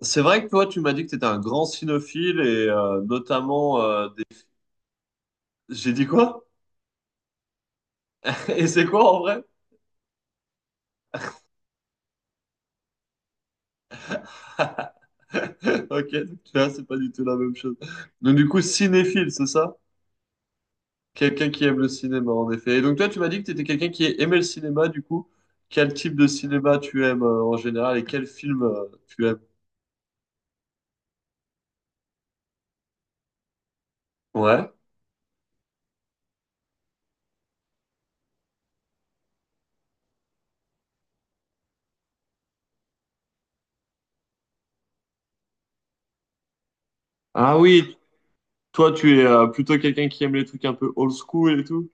C'est vrai que toi, tu m'as dit que tu étais un grand cinéphile et notamment des... J'ai dit quoi? Et c'est quoi en vrai? Ok, donc tu vois, c'est pas du tout la même chose. Donc du coup, cinéphile, c'est ça? Quelqu'un qui aime le cinéma, en effet. Et donc toi, tu m'as dit que tu étais quelqu'un qui aimait le cinéma, du coup. Quel type de cinéma tu aimes en général et quel film tu aimes? Ouais. Ah oui, toi, tu es plutôt quelqu'un qui aime les trucs un peu old school et tout.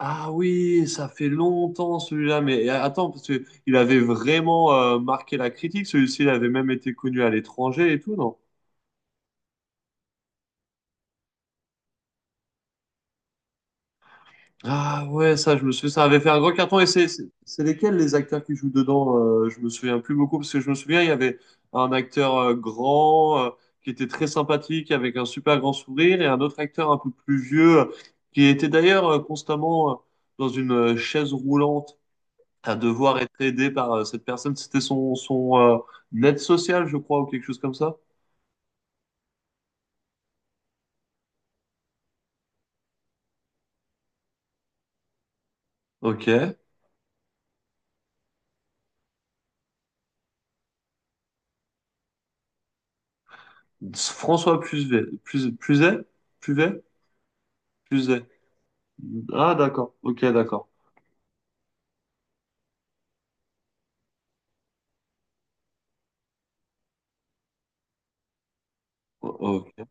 Ah oui, ça fait longtemps celui-là, mais attends, parce que il avait vraiment marqué la critique, celui-ci, il avait même été connu à l'étranger et tout, non? Ah ouais, ça, je me souviens, ça avait fait un gros carton, et c'est lesquels les acteurs qui jouent dedans? Je me souviens plus beaucoup, parce que je me souviens, il y avait un acteur grand, qui était très sympathique, avec un super grand sourire, et un autre acteur un peu plus vieux, qui était d'ailleurs constamment dans une chaise roulante, à devoir être aidé par cette personne. C'était son aide sociale, je crois, ou quelque chose comme ça. Ok. François Puvet. Puvet? Puvet? Puvet? Puvet. Ah, d'accord. Ok, d'accord. Ok.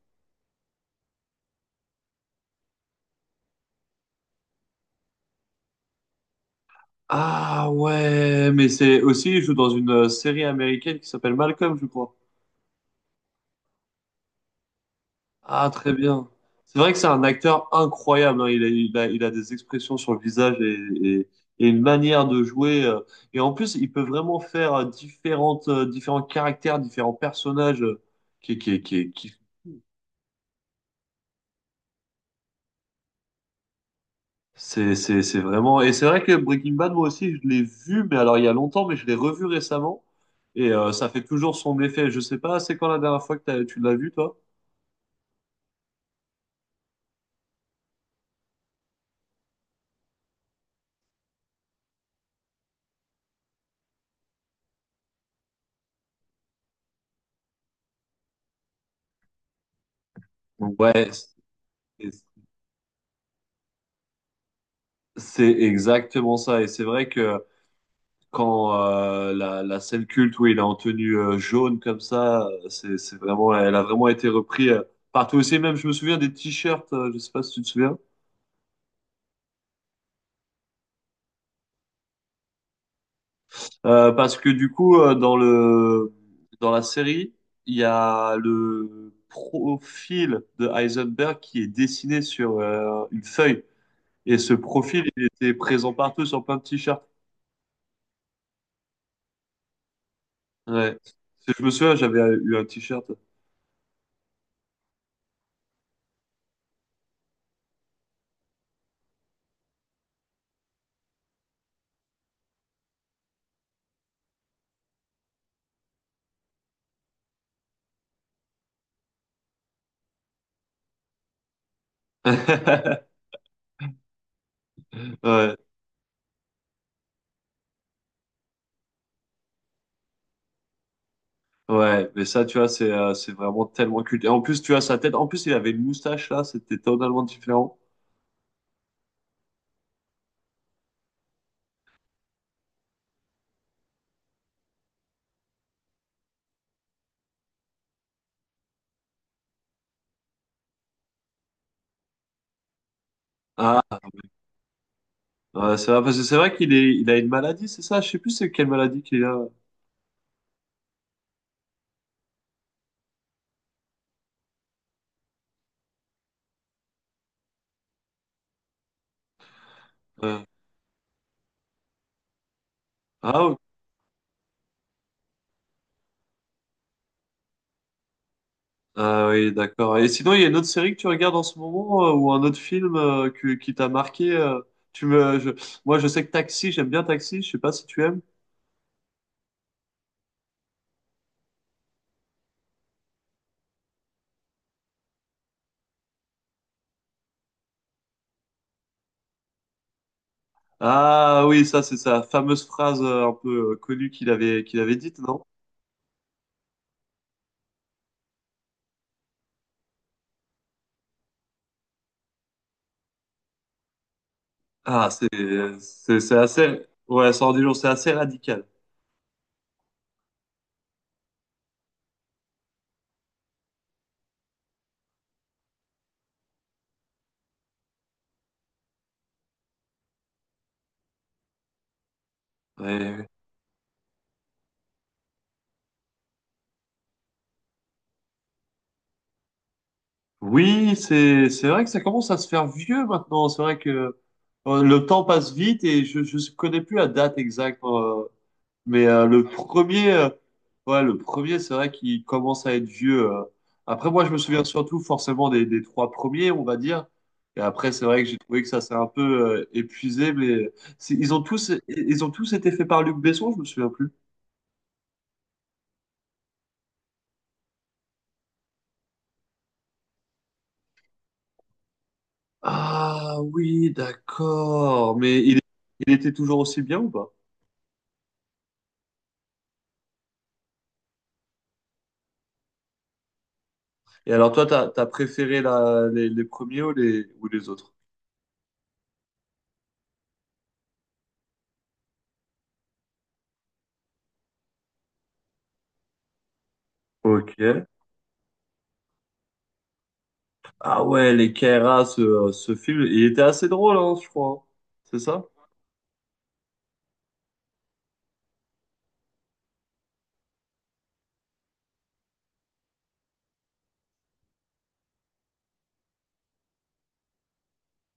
Ah ouais, mais c'est aussi, il joue dans une série américaine qui s'appelle Malcolm, je crois. Ah, très bien. C'est vrai que c'est un acteur incroyable, hein. Il a des expressions sur le visage et, et- et une manière de jouer. Et en plus, il peut vraiment faire différents caractères, différents personnages, qui... C'est vraiment. Et c'est vrai que Breaking Bad, moi aussi, je l'ai vu, mais alors il y a longtemps, mais je l'ai revu récemment. Et ça fait toujours son effet. Je sais pas, c'est quand la dernière fois que tu l'as vu, toi? Ouais, c'est c'est exactement ça. Et c'est vrai que, quand la scène culte où il est en tenue jaune comme ça, c'est vraiment, elle a vraiment été reprise partout aussi. Même, je me souviens des t-shirts, je sais pas si tu te souviens. Parce que du coup, dans la série, il y a le profil de Heisenberg qui est dessiné sur une feuille, et ce profil, il était présent partout sur plein de t-shirts. Ouais. Si je me souviens, j'avais eu un t-shirt. Ouais. Ouais, mais ça, tu vois, c'est vraiment tellement culte. Et en plus, tu vois, sa tête, en plus, il avait une moustache là, c'était totalement différent. Ah, ouais, c'est vrai, parce que c'est vrai qu'il est, il a une maladie, c'est ça? Je sais plus c'est quelle maladie qu'il a. Euh, ok. Ah oui, d'accord. Et sinon, il y a une autre série que tu regardes en ce moment ou un autre film qui t'a marqué tu me, je- moi, je sais que Taxi, j'aime bien Taxi, je sais pas si tu aimes. Ah oui, ça, c'est sa fameuse phrase un peu connue qu'il avait dite, non? Ah, c'est assez... Ouais, 110 jours, c'est assez radical. Ouais. Oui, c'est vrai que ça commence à se faire vieux maintenant. C'est vrai que le temps passe vite et je connais plus la date exacte, mais ouais, le premier, c'est vrai qu'il commence à être vieux. Après, moi, je me souviens surtout forcément des trois premiers, on va dire. Et après, c'est vrai que j'ai trouvé que ça s'est un peu épuisé. Mais ils ont tous été faits par Luc Besson, je me souviens plus. Ah oui, d'accord. Mais il était toujours aussi bien ou pas? Et alors toi, t'as préféré les premiers ou ou les autres? Ok. Ah ouais, les Kairas, ce film, il était assez drôle, hein, je crois, hein. C'est ça?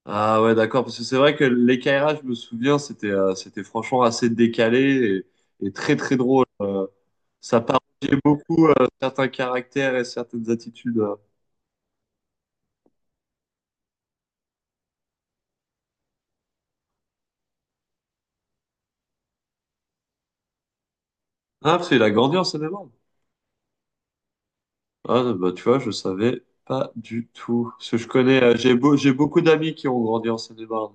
Ah ouais, d'accord. Parce que c'est vrai que les Kairas, je me souviens, c'était franchement assez décalé et très très drôle. Ça parodiait beaucoup certains caractères et certaines attitudes. Ah, parce qu'il a grandi en cinéma. Ah, bah, tu vois, je savais pas du tout. Parce que je connais, j'ai beaucoup d'amis qui ont grandi en Seine-et-Marne.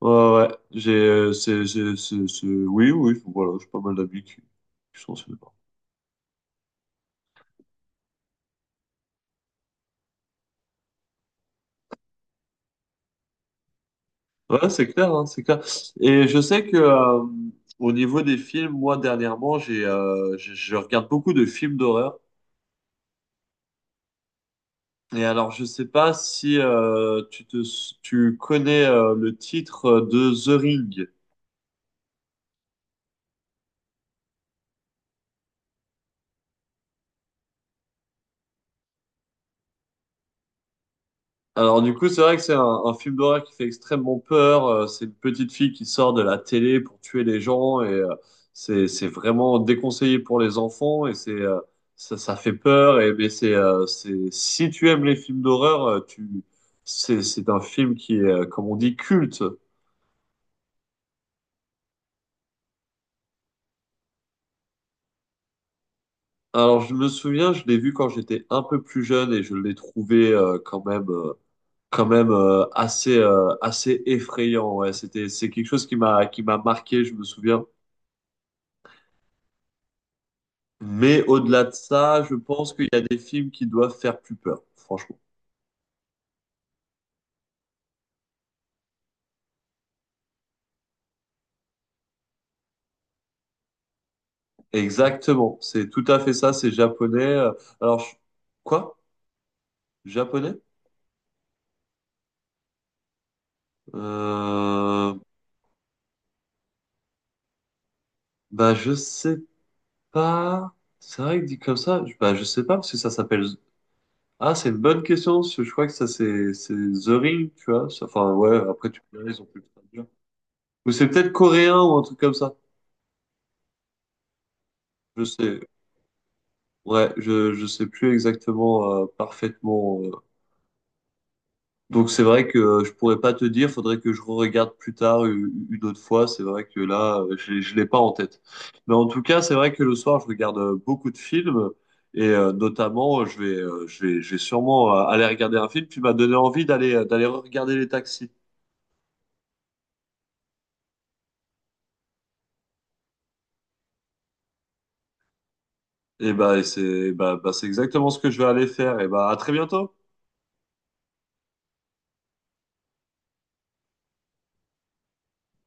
Ouais, ouais, ouais. j'ai, c'est- oui, oui, enfin, voilà, j'ai pas mal d'amis qui sont en Seine-et-Marne. Ouais, c'est clair, hein, c'est clair. Et je sais que, au niveau des films, moi, dernièrement, j'ai, je regarde beaucoup de films d'horreur. Et alors, je sais pas si, tu connais, le titre de The Ring. Alors du coup, c'est vrai que c'est un film d'horreur qui fait extrêmement peur. C'est une petite fille qui sort de la télé pour tuer les gens et c'est vraiment déconseillé pour les enfants et ça fait peur. Et mais c'est si tu aimes les films d'horreur, tu c'est un film qui est comme on dit culte. Alors je me souviens, je l'ai vu quand j'étais un peu plus jeune et je l'ai trouvé quand même assez effrayant. Ouais, c'est quelque chose qui m'a marqué. Je me souviens. Mais au-delà de ça, je pense qu'il y a des films qui doivent faire plus peur, franchement. Exactement, c'est tout à fait ça, c'est japonais. Alors, quoi? Japonais? Euh... Bah, je sais pas. C'est vrai que dit comme ça, bah, je sais pas parce que ça s'appelle. Ah, c'est une bonne question, parce que je crois que ça, c'est The Ring, tu vois. Enfin, ouais, après, tu peux ils ont pu le traduire. Ou c'est peut-être coréen ou un truc comme ça. Je sais. Ouais, je sais plus exactement parfaitement donc c'est vrai que je pourrais pas te dire, faudrait que je regarde plus tard une autre fois. C'est vrai que là, je l'ai pas en tête. Mais en tout cas, c'est vrai que le soir, je regarde beaucoup de films et notamment, je vais, je vais, je vais sûrement aller regarder un film qui m'a donné envie d'aller regarder les taxis. Et bah, c'est exactement ce que je vais aller faire. Et bah, à très bientôt.